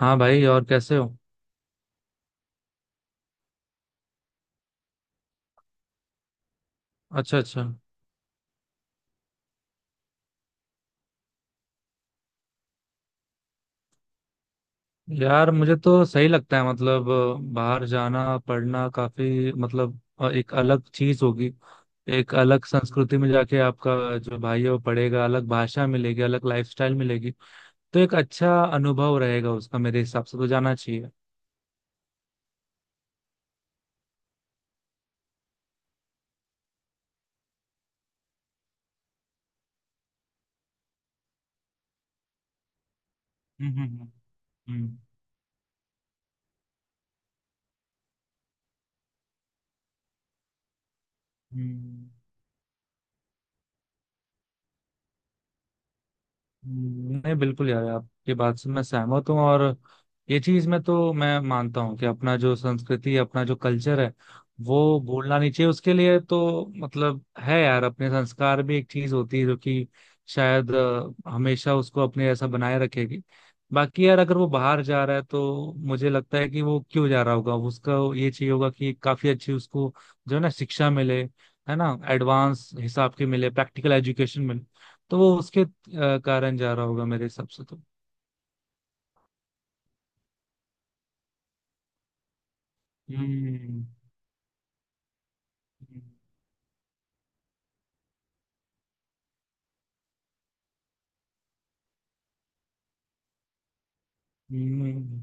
हाँ भाई, और कैसे हो? अच्छा अच्छा। यार मुझे तो सही लगता है, मतलब बाहर जाना पढ़ना काफी मतलब एक अलग चीज होगी। एक अलग संस्कृति में जाके आपका जो भाई है वो पढ़ेगा, अलग भाषा मिलेगी, अलग लाइफस्टाइल मिलेगी। तो एक अच्छा अनुभव रहेगा उसका, मेरे हिसाब से तो जाना चाहिए। हम्म। हम्म हम्म। हम्म। नहीं बिल्कुल यार, आपकी बात से मैं सहमत हूँ। और ये चीज में तो मैं मानता हूँ कि अपना जो संस्कृति अपना जो कल्चर है वो भूलना नहीं चाहिए। उसके लिए तो मतलब है यार, अपने संस्कार भी एक चीज होती है जो कि शायद हमेशा उसको अपने ऐसा बनाए रखेगी। बाकी यार, अगर वो बाहर जा रहा है तो मुझे लगता है कि वो क्यों जा रहा होगा, उसका ये चाहिए होगा कि काफी अच्छी उसको जो है ना शिक्षा मिले, है ना, एडवांस हिसाब की मिले, प्रैक्टिकल एजुकेशन मिले। तो वो उसके कारण जा रहा होगा, मेरे हिसाब से तो। हम्म हम्म।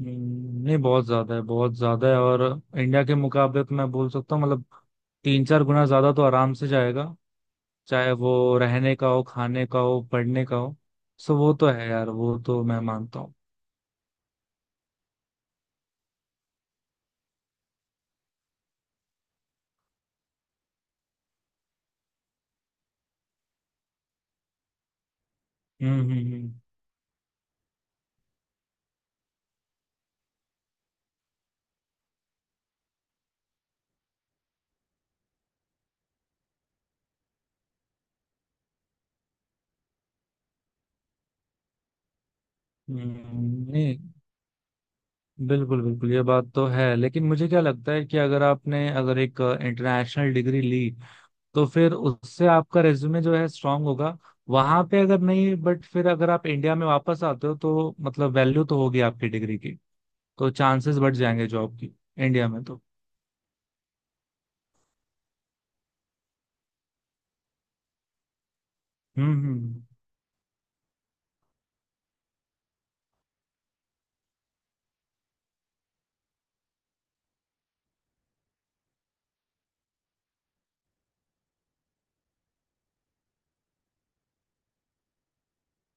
हम्म। नहीं बहुत ज्यादा है, बहुत ज्यादा है। और इंडिया के मुकाबले तो मैं बोल सकता हूँ मतलब तीन चार गुना ज्यादा तो आराम से जाएगा, चाहे वो रहने का हो, खाने का हो, पढ़ने का हो। सो वो तो है यार, वो तो मैं मानता हूँ। हम्म हम्म हम्म। हम्म। नहीं बिल्कुल बिल्कुल, ये बात तो है। लेकिन मुझे क्या लगता है कि अगर आपने अगर एक इंटरनेशनल डिग्री ली तो फिर उससे आपका रेज्यूमे जो है स्ट्रांग होगा। वहां पे अगर नहीं, बट फिर अगर आप इंडिया में वापस आते हो तो मतलब वैल्यू तो होगी आपकी डिग्री की। तो चांसेस बढ़ जाएंगे जॉब की इंडिया में तो। हम्म हम्म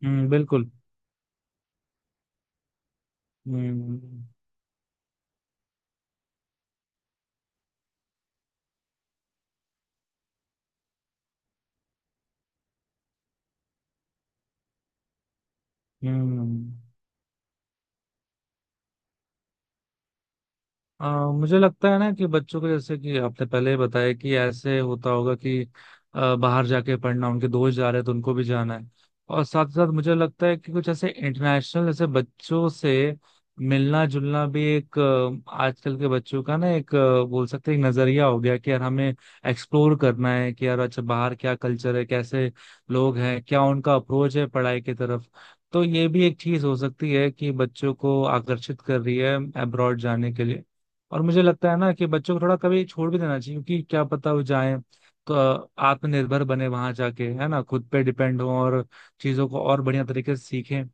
हम्म। बिल्कुल। हम्म हम्म हम्म। मुझे लगता है ना कि बच्चों को, जैसे कि आपने पहले ही बताया कि ऐसे होता होगा कि बाहर जाके पढ़ना, उनके दोस्त जा रहे हैं तो उनको भी जाना है। और साथ साथ मुझे लगता है कि कुछ ऐसे इंटरनेशनल ऐसे बच्चों से मिलना जुलना भी एक आजकल के बच्चों का ना एक, बोल सकते हैं एक नजरिया हो गया कि यार हमें एक्सप्लोर करना है कि यार अच्छा बाहर क्या कल्चर है, कैसे लोग हैं, क्या उनका अप्रोच है पढ़ाई की तरफ। तो ये भी एक चीज हो सकती है कि बच्चों को आकर्षित कर रही है अब्रॉड जाने के लिए। और मुझे लगता है ना कि बच्चों को थोड़ा कभी छोड़ भी देना चाहिए, क्योंकि क्या पता वो जाए तो आत्मनिर्भर बने वहां जाके, है ना, खुद पे डिपेंड हो और चीजों को और बढ़िया तरीके से सीखें।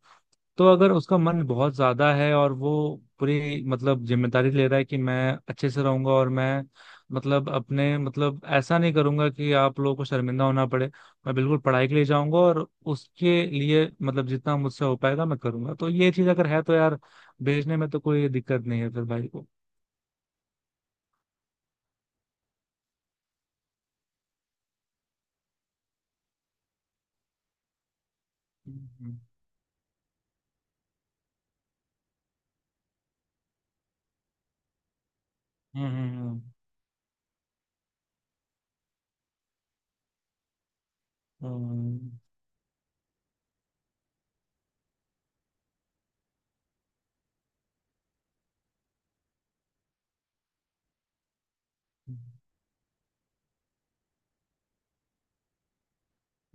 तो अगर उसका मन बहुत ज्यादा है और वो पूरी मतलब जिम्मेदारी ले रहा है कि मैं अच्छे से रहूंगा और मैं मतलब अपने मतलब ऐसा नहीं करूंगा कि आप लोगों को शर्मिंदा होना पड़े, मैं बिल्कुल पढ़ाई के लिए जाऊंगा और उसके लिए मतलब जितना मुझसे हो पाएगा मैं करूंगा, तो ये चीज अगर है तो यार भेजने में तो कोई दिक्कत नहीं है फिर भाई को। हम्म। हम्म हम्म हम्म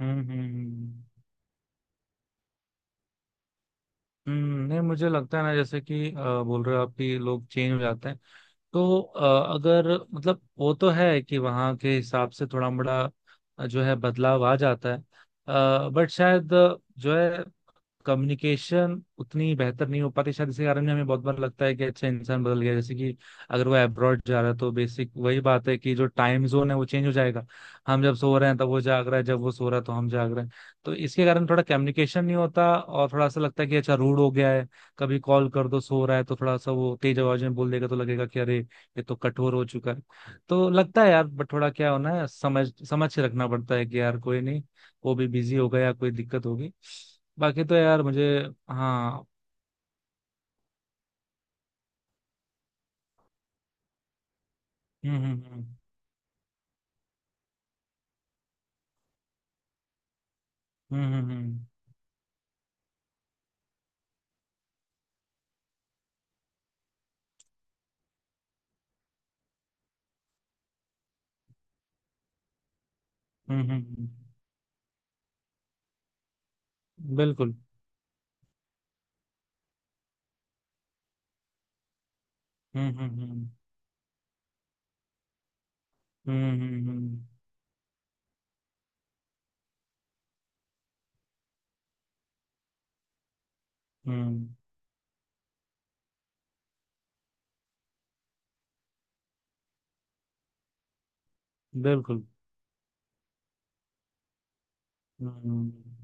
हम्म। हम्म हम्म हम्म। हम्म। नहीं मुझे लगता है ना, जैसे कि बोल रहे हो आप कि लोग चेंज हो जाते हैं तो अगर मतलब वो तो है कि वहाँ के हिसाब से थोड़ा बड़ा जो है बदलाव आ जाता है। बट शायद जो है कम्युनिकेशन उतनी बेहतर नहीं हो पाती, शायद इसी कारण हमें बहुत बार लगता है कि अच्छा इंसान बदल गया। जैसे कि अगर वो अब्रॉड जा रहा है तो बेसिक वही बात है कि जो टाइम जोन है वो चेंज हो जाएगा। हम जब सो रहे हैं तब वो जाग रहा है, जब वो सो रहा है तो हम जाग रहे हैं। तो इसके कारण थोड़ा कम्युनिकेशन नहीं होता और थोड़ा सा लगता है कि अच्छा रूड हो गया है। कभी कॉल कर दो सो रहा है तो थोड़ा सा वो तेज आवाज में बोल देगा तो लगेगा कि अरे ये तो कठोर हो चुका है। तो लगता है यार, बट थोड़ा क्या होना है समझ समझ के रखना पड़ता है कि यार कोई नहीं, वो भी बिजी होगा या कोई दिक्कत होगी। बाकी तो यार मुझे, हाँ। हम्म हम्म हम्म। हम्म। हम्म हम्म। बिल्कुल। हम्म हम्म हम्म हम्म। हम्म। बिल्कुल। हम्म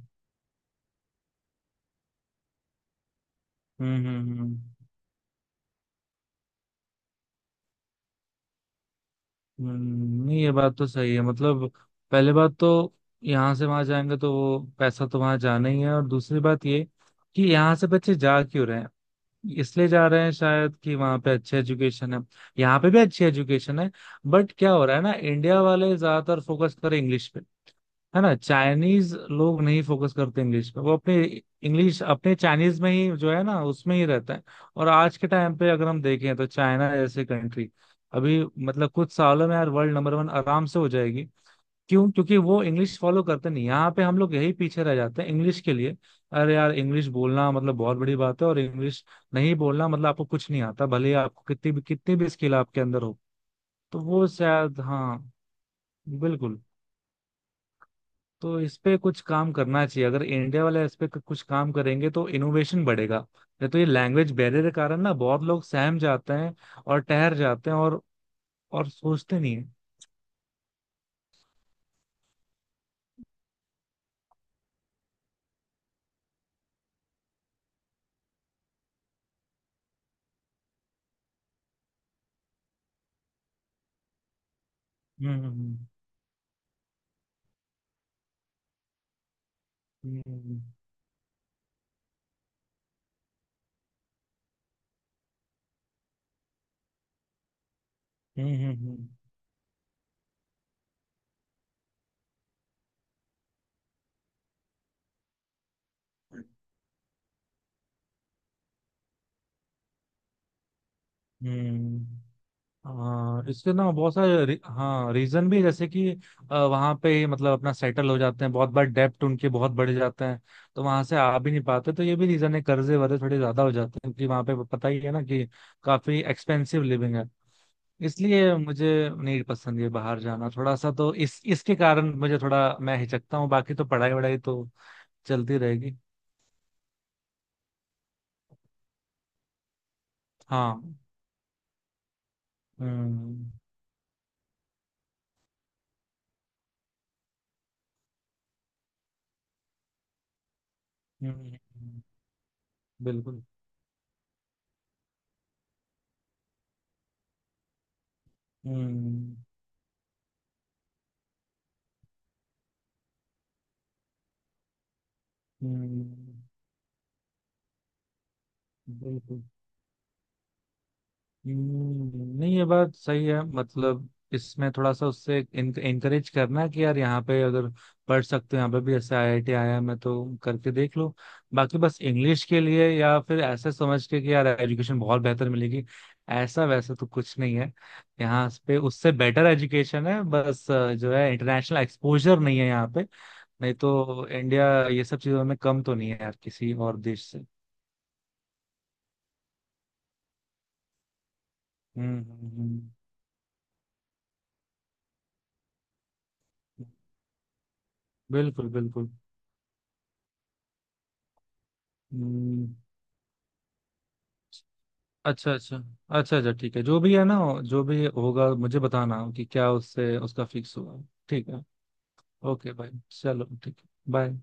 हम्म हम्म हम्म। हम्म। नहीं ये बात तो सही है, मतलब पहले बात तो यहाँ से वहां जाएंगे तो वो पैसा तो वहां जाना ही है। और दूसरी बात ये कि यहाँ से बच्चे जा क्यों रहे हैं? इसलिए जा रहे हैं शायद कि वहां पे अच्छे एजुकेशन है। यहाँ पे भी अच्छी एजुकेशन है, बट क्या हो रहा है ना, इंडिया वाले ज्यादातर फोकस कर रहे हैं इंग्लिश पे। है ना, चाइनीज लोग नहीं फोकस करते इंग्लिश पे, वो अपने इंग्लिश अपने चाइनीज में ही जो है ना उसमें ही रहता है। और आज के टाइम पे अगर हम देखें तो चाइना जैसे कंट्री अभी मतलब कुछ सालों में यार वर्ल्ड नंबर वन आराम से हो जाएगी। क्यों? क्योंकि वो इंग्लिश फॉलो करते नहीं। यहाँ पे हम लोग यही पीछे रह जाते हैं इंग्लिश के लिए। अरे यार इंग्लिश बोलना मतलब बहुत बड़ी बात है, और इंग्लिश नहीं बोलना मतलब आपको कुछ नहीं आता, भले ही आपको कितनी भी स्किल आपके अंदर हो। तो वो शायद, हाँ बिल्कुल। तो इस पे कुछ काम करना चाहिए, अगर इंडिया वाले इस पे कुछ काम करेंगे तो इनोवेशन बढ़ेगा। नहीं तो ये लैंग्वेज बैरियर के कारण ना बहुत लोग सहम जाते हैं और ठहर जाते हैं और सोचते नहीं है। हम्म हम्म हम्म हम्म। हम्म। हम्म। हाँ इसके ना बहुत सारे हाँ रीजन भी है, जैसे कि वहां पे मतलब अपना सेटल हो जाते हैं, बहुत बार डेप्ट उनके बहुत बढ़ जाते हैं तो वहां से आ भी नहीं पाते। तो ये भी रीजन है, कर्जे वर्जे थोड़े ज्यादा हो जाते हैं, क्योंकि वहां पे पता ही है ना कि काफी एक्सपेंसिव लिविंग है। इसलिए मुझे नहीं पसंद है बाहर जाना थोड़ा सा, तो इस इसके कारण मुझे थोड़ा मैं हिचकता हूँ, बाकी तो पढ़ाई वढ़ाई तो चलती रहेगी। हाँ। हम्म हम्म। बिल्कुल। हम्म हम्म। बिल्कुल। हम्म। नहीं ये बात सही है, मतलब इसमें थोड़ा सा उससे इंकरेज करना कि यार यहाँ पे अगर पढ़ सकते हो, यहाँ पे भी ऐसे आईआईटी आया मैं तो, करके देख लो। बाकी बस इंग्लिश के लिए या फिर ऐसे समझ के कि यार एजुकेशन बहुत बेहतर मिलेगी, ऐसा वैसा तो कुछ नहीं है। यहाँ पे उससे बेटर एजुकेशन है, बस जो है इंटरनेशनल एक्सपोजर नहीं है यहाँ पे। नहीं तो इंडिया ये सब चीजों में कम तो नहीं है यार किसी और देश से। हम्म। बिल्कुल बिल्कुल। हम्म। अच्छा अच्छा। अच्छा अच्छा ठीक है। जो भी है ना, जो भी होगा मुझे बताना कि क्या उससे उसका फिक्स हुआ। ठीक है। ओके भाई, चलो ठीक है, बाय।